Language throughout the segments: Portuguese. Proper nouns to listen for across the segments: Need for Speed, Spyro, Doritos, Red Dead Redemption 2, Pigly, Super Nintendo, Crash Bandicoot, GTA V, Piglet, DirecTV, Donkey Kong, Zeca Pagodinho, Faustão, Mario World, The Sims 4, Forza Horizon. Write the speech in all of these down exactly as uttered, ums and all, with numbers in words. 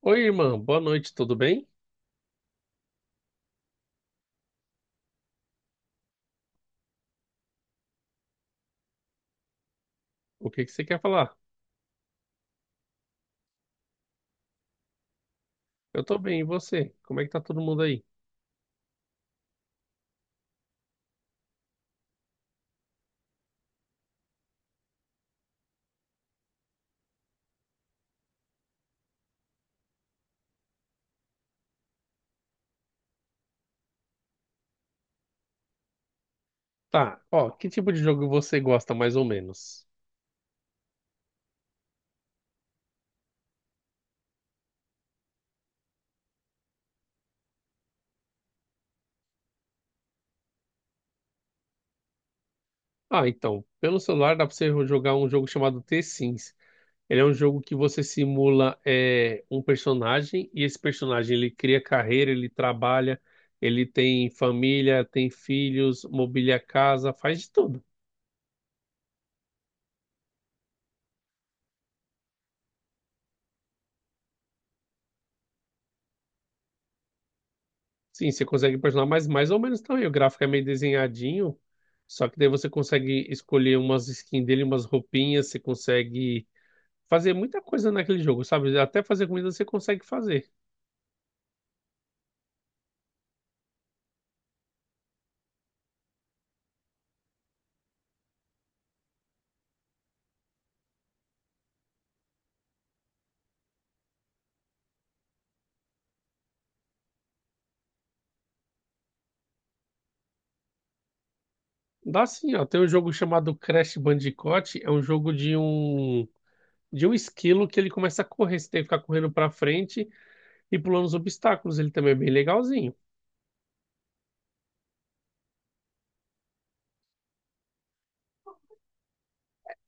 Oi, irmã, boa noite, tudo bem? O que que você quer falar? Eu tô bem, e você? Como é que tá todo mundo aí? Tá, ó, que tipo de jogo você gosta mais ou menos? Ah, então, pelo celular dá pra você jogar um jogo chamado The Sims. Ele é um jogo que você simula é, um personagem, e esse personagem ele cria carreira, ele trabalha, ele tem família, tem filhos, mobília a casa, faz de tudo. Sim, você consegue personalizar, mas mais ou menos também. O gráfico é meio desenhadinho, só que daí você consegue escolher umas skins dele, umas roupinhas, você consegue fazer muita coisa naquele jogo, sabe? Até fazer comida você consegue fazer. Dá sim, ó. Tem um jogo chamado Crash Bandicoot, é um jogo de um de um esquilo que ele começa a correr, você tem que ficar correndo pra frente e pulando os obstáculos. Ele também é bem legalzinho.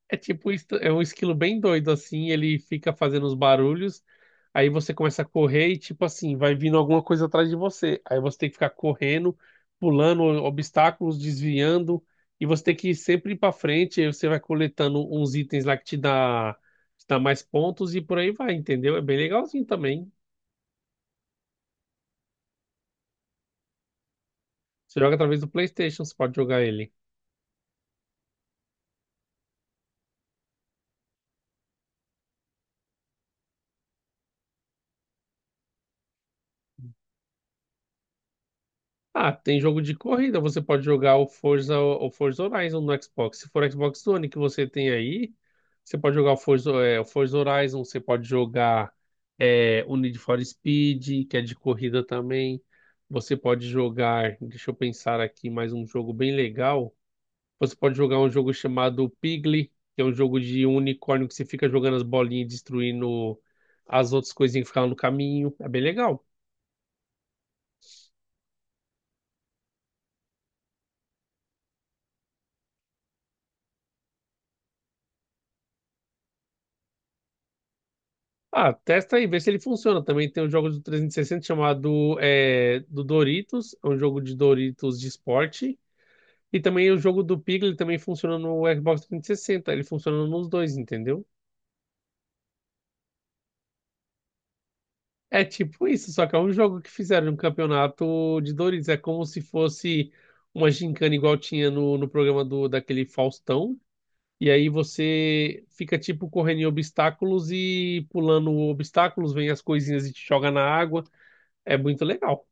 É tipo, est- é um esquilo bem doido, assim, ele fica fazendo os barulhos, aí você começa a correr e, tipo assim, vai vindo alguma coisa atrás de você. Aí você tem que ficar correndo, pulando obstáculos, desviando, e você tem que ir sempre ir pra frente, aí você vai coletando uns itens lá que te dá, te dá mais pontos e por aí vai, entendeu? É bem legalzinho também. Você joga através do PlayStation, você pode jogar ele. Ah, tem jogo de corrida, você pode jogar o Forza, o Forza Horizon no Xbox. Se for Xbox One que você tem aí, você pode jogar o Forza, é, o Forza Horizon, você pode jogar é, o Need for Speed, que é de corrida também. Você pode jogar, deixa eu pensar aqui, mais um jogo bem legal. Você pode jogar um jogo chamado Pigly, que é um jogo de um unicórnio que você fica jogando as bolinhas e destruindo as outras coisinhas que ficaram no caminho. É bem legal. Ah, testa aí, vê se ele funciona. Também tem um jogo do trezentos e sessenta chamado é, do Doritos, é um jogo de Doritos de esporte. E também o jogo do Piglet também funciona no Xbox trezentos e sessenta. Ele funciona nos dois, entendeu? É tipo isso, só que é um jogo que fizeram um campeonato de Doritos. É como se fosse uma gincana igual tinha no, no programa do daquele Faustão. E aí você fica tipo correndo em obstáculos e pulando obstáculos, vem as coisinhas e te joga na água. É muito legal.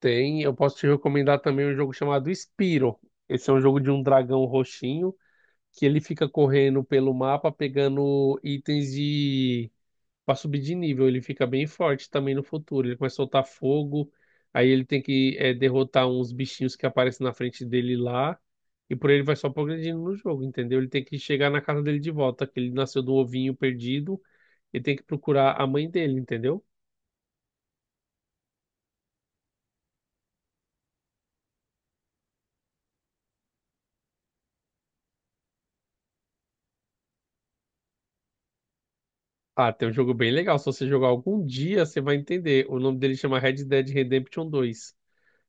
Tem, eu posso te recomendar também um jogo chamado Spyro. Esse é um jogo de um dragão roxinho que ele fica correndo pelo mapa pegando itens de para subir de nível. Ele fica bem forte também no futuro. Ele começa a soltar fogo, aí ele tem que eh, derrotar uns bichinhos que aparecem na frente dele lá e por aí ele vai só progredindo no jogo, entendeu? Ele tem que chegar na casa dele de volta, que ele nasceu do ovinho perdido e tem que procurar a mãe dele, entendeu? Ah, tem um jogo bem legal. Se você jogar algum dia, você vai entender. O nome dele chama Red Dead Redemption dois.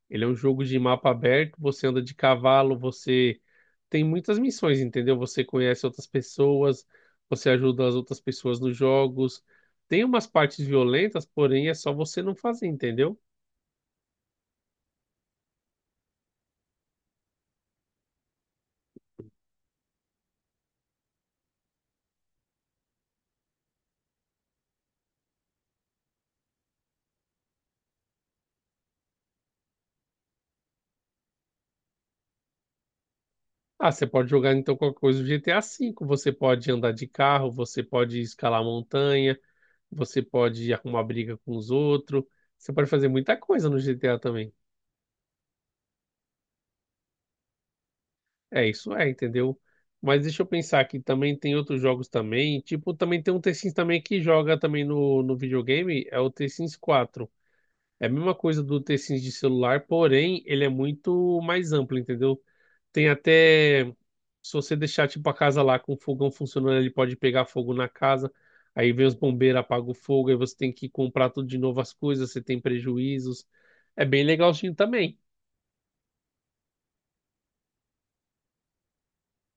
Ele é um jogo de mapa aberto, você anda de cavalo, você tem muitas missões, entendeu? Você conhece outras pessoas, você ajuda as outras pessoas nos jogos. Tem umas partes violentas, porém é só você não fazer, entendeu? Ah, você pode jogar então qualquer coisa do G T A cinco. Você pode andar de carro, você pode escalar montanha, você pode arrumar briga com os outros. Você pode fazer muita coisa no G T A. É, isso é, entendeu? Mas deixa eu pensar que também tem outros jogos também. Tipo, também tem um The Sims também que joga também no, no videogame, é o The Sims quatro. É a mesma coisa do The Sims de celular, porém ele é muito mais amplo, entendeu? Tem até, se você deixar tipo a casa lá com o fogão funcionando, ele pode pegar fogo na casa. Aí vem os bombeiros, apaga o fogo, aí você tem que comprar tudo de novo as coisas, você tem prejuízos. É bem legalzinho também.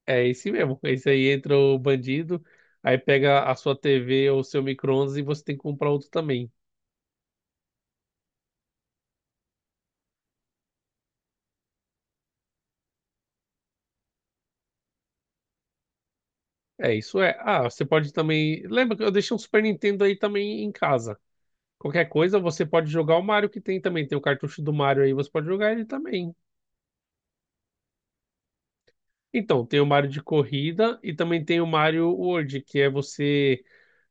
É esse mesmo. Esse aí entra o bandido, aí pega a sua tê vê ou seu micro-ondas e você tem que comprar outro também. É, isso é. Ah, você pode também. Lembra que eu deixei um Super Nintendo aí também em casa. Qualquer coisa, você pode jogar o Mario que tem também. Tem o cartucho do Mario aí, você pode jogar ele também. Então, tem o Mario de corrida e também tem o Mario World, que é você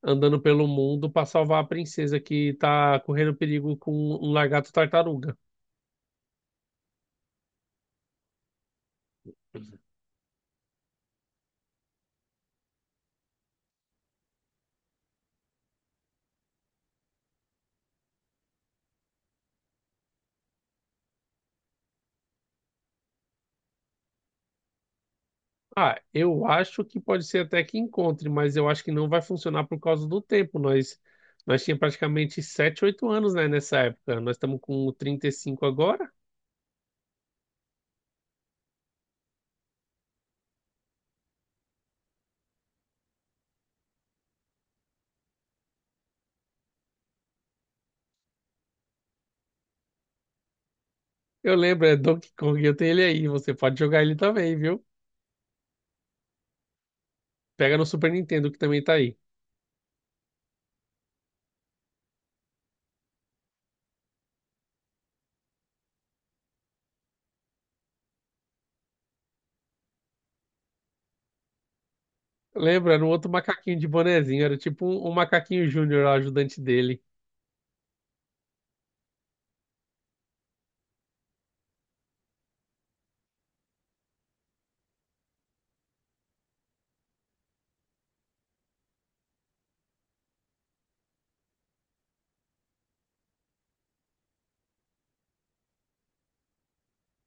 andando pelo mundo para salvar a princesa que tá correndo perigo com um lagarto tartaruga. Ah, eu acho que pode ser até que encontre, mas eu acho que não vai funcionar por causa do tempo. Nós, nós tinha praticamente sete, oito anos, né, nessa época. Nós estamos com trinta e cinco agora. Eu lembro, é Donkey Kong, eu tenho ele aí. Você pode jogar ele também, viu? Pega no Super Nintendo que também tá aí. Lembra, era um outro macaquinho de bonezinho, era tipo um, um macaquinho júnior, o ajudante dele.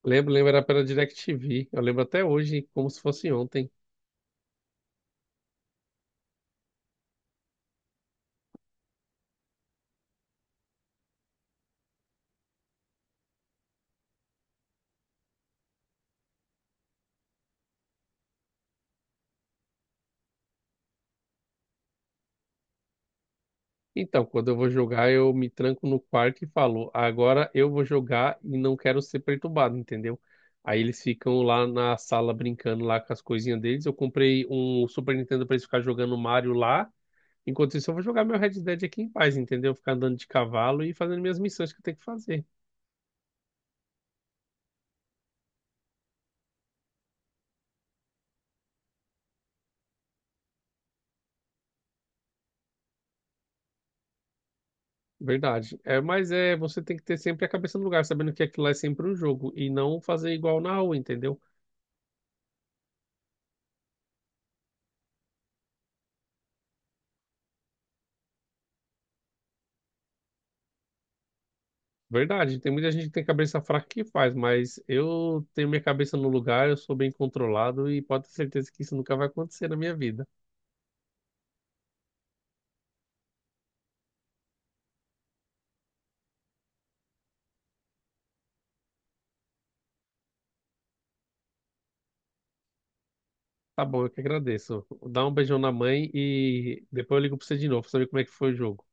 Lembro, lembro, era pela DirecTV. Eu lembro até hoje, como se fosse ontem. Então, quando eu vou jogar, eu me tranco no quarto e falo, agora eu vou jogar e não quero ser perturbado, entendeu? Aí eles ficam lá na sala brincando lá com as coisinhas deles. Eu comprei um Super Nintendo pra eles ficarem jogando Mario lá. Enquanto isso, eu vou jogar meu Red Dead aqui em paz, entendeu? Ficar andando de cavalo e fazendo minhas missões que eu tenho que fazer. Verdade. É, mas é, você tem que ter sempre a cabeça no lugar, sabendo que aquilo lá é sempre um jogo e não fazer igual na rua, entendeu? Verdade, tem muita gente que tem cabeça fraca que faz, mas eu tenho minha cabeça no lugar, eu sou bem controlado e pode ter certeza que isso nunca vai acontecer na minha vida. Tá bom, eu que agradeço. Dá um beijão na mãe e depois eu ligo pra você de novo pra saber como é que foi o jogo.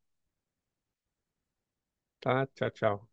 Tá? Tchau, tchau.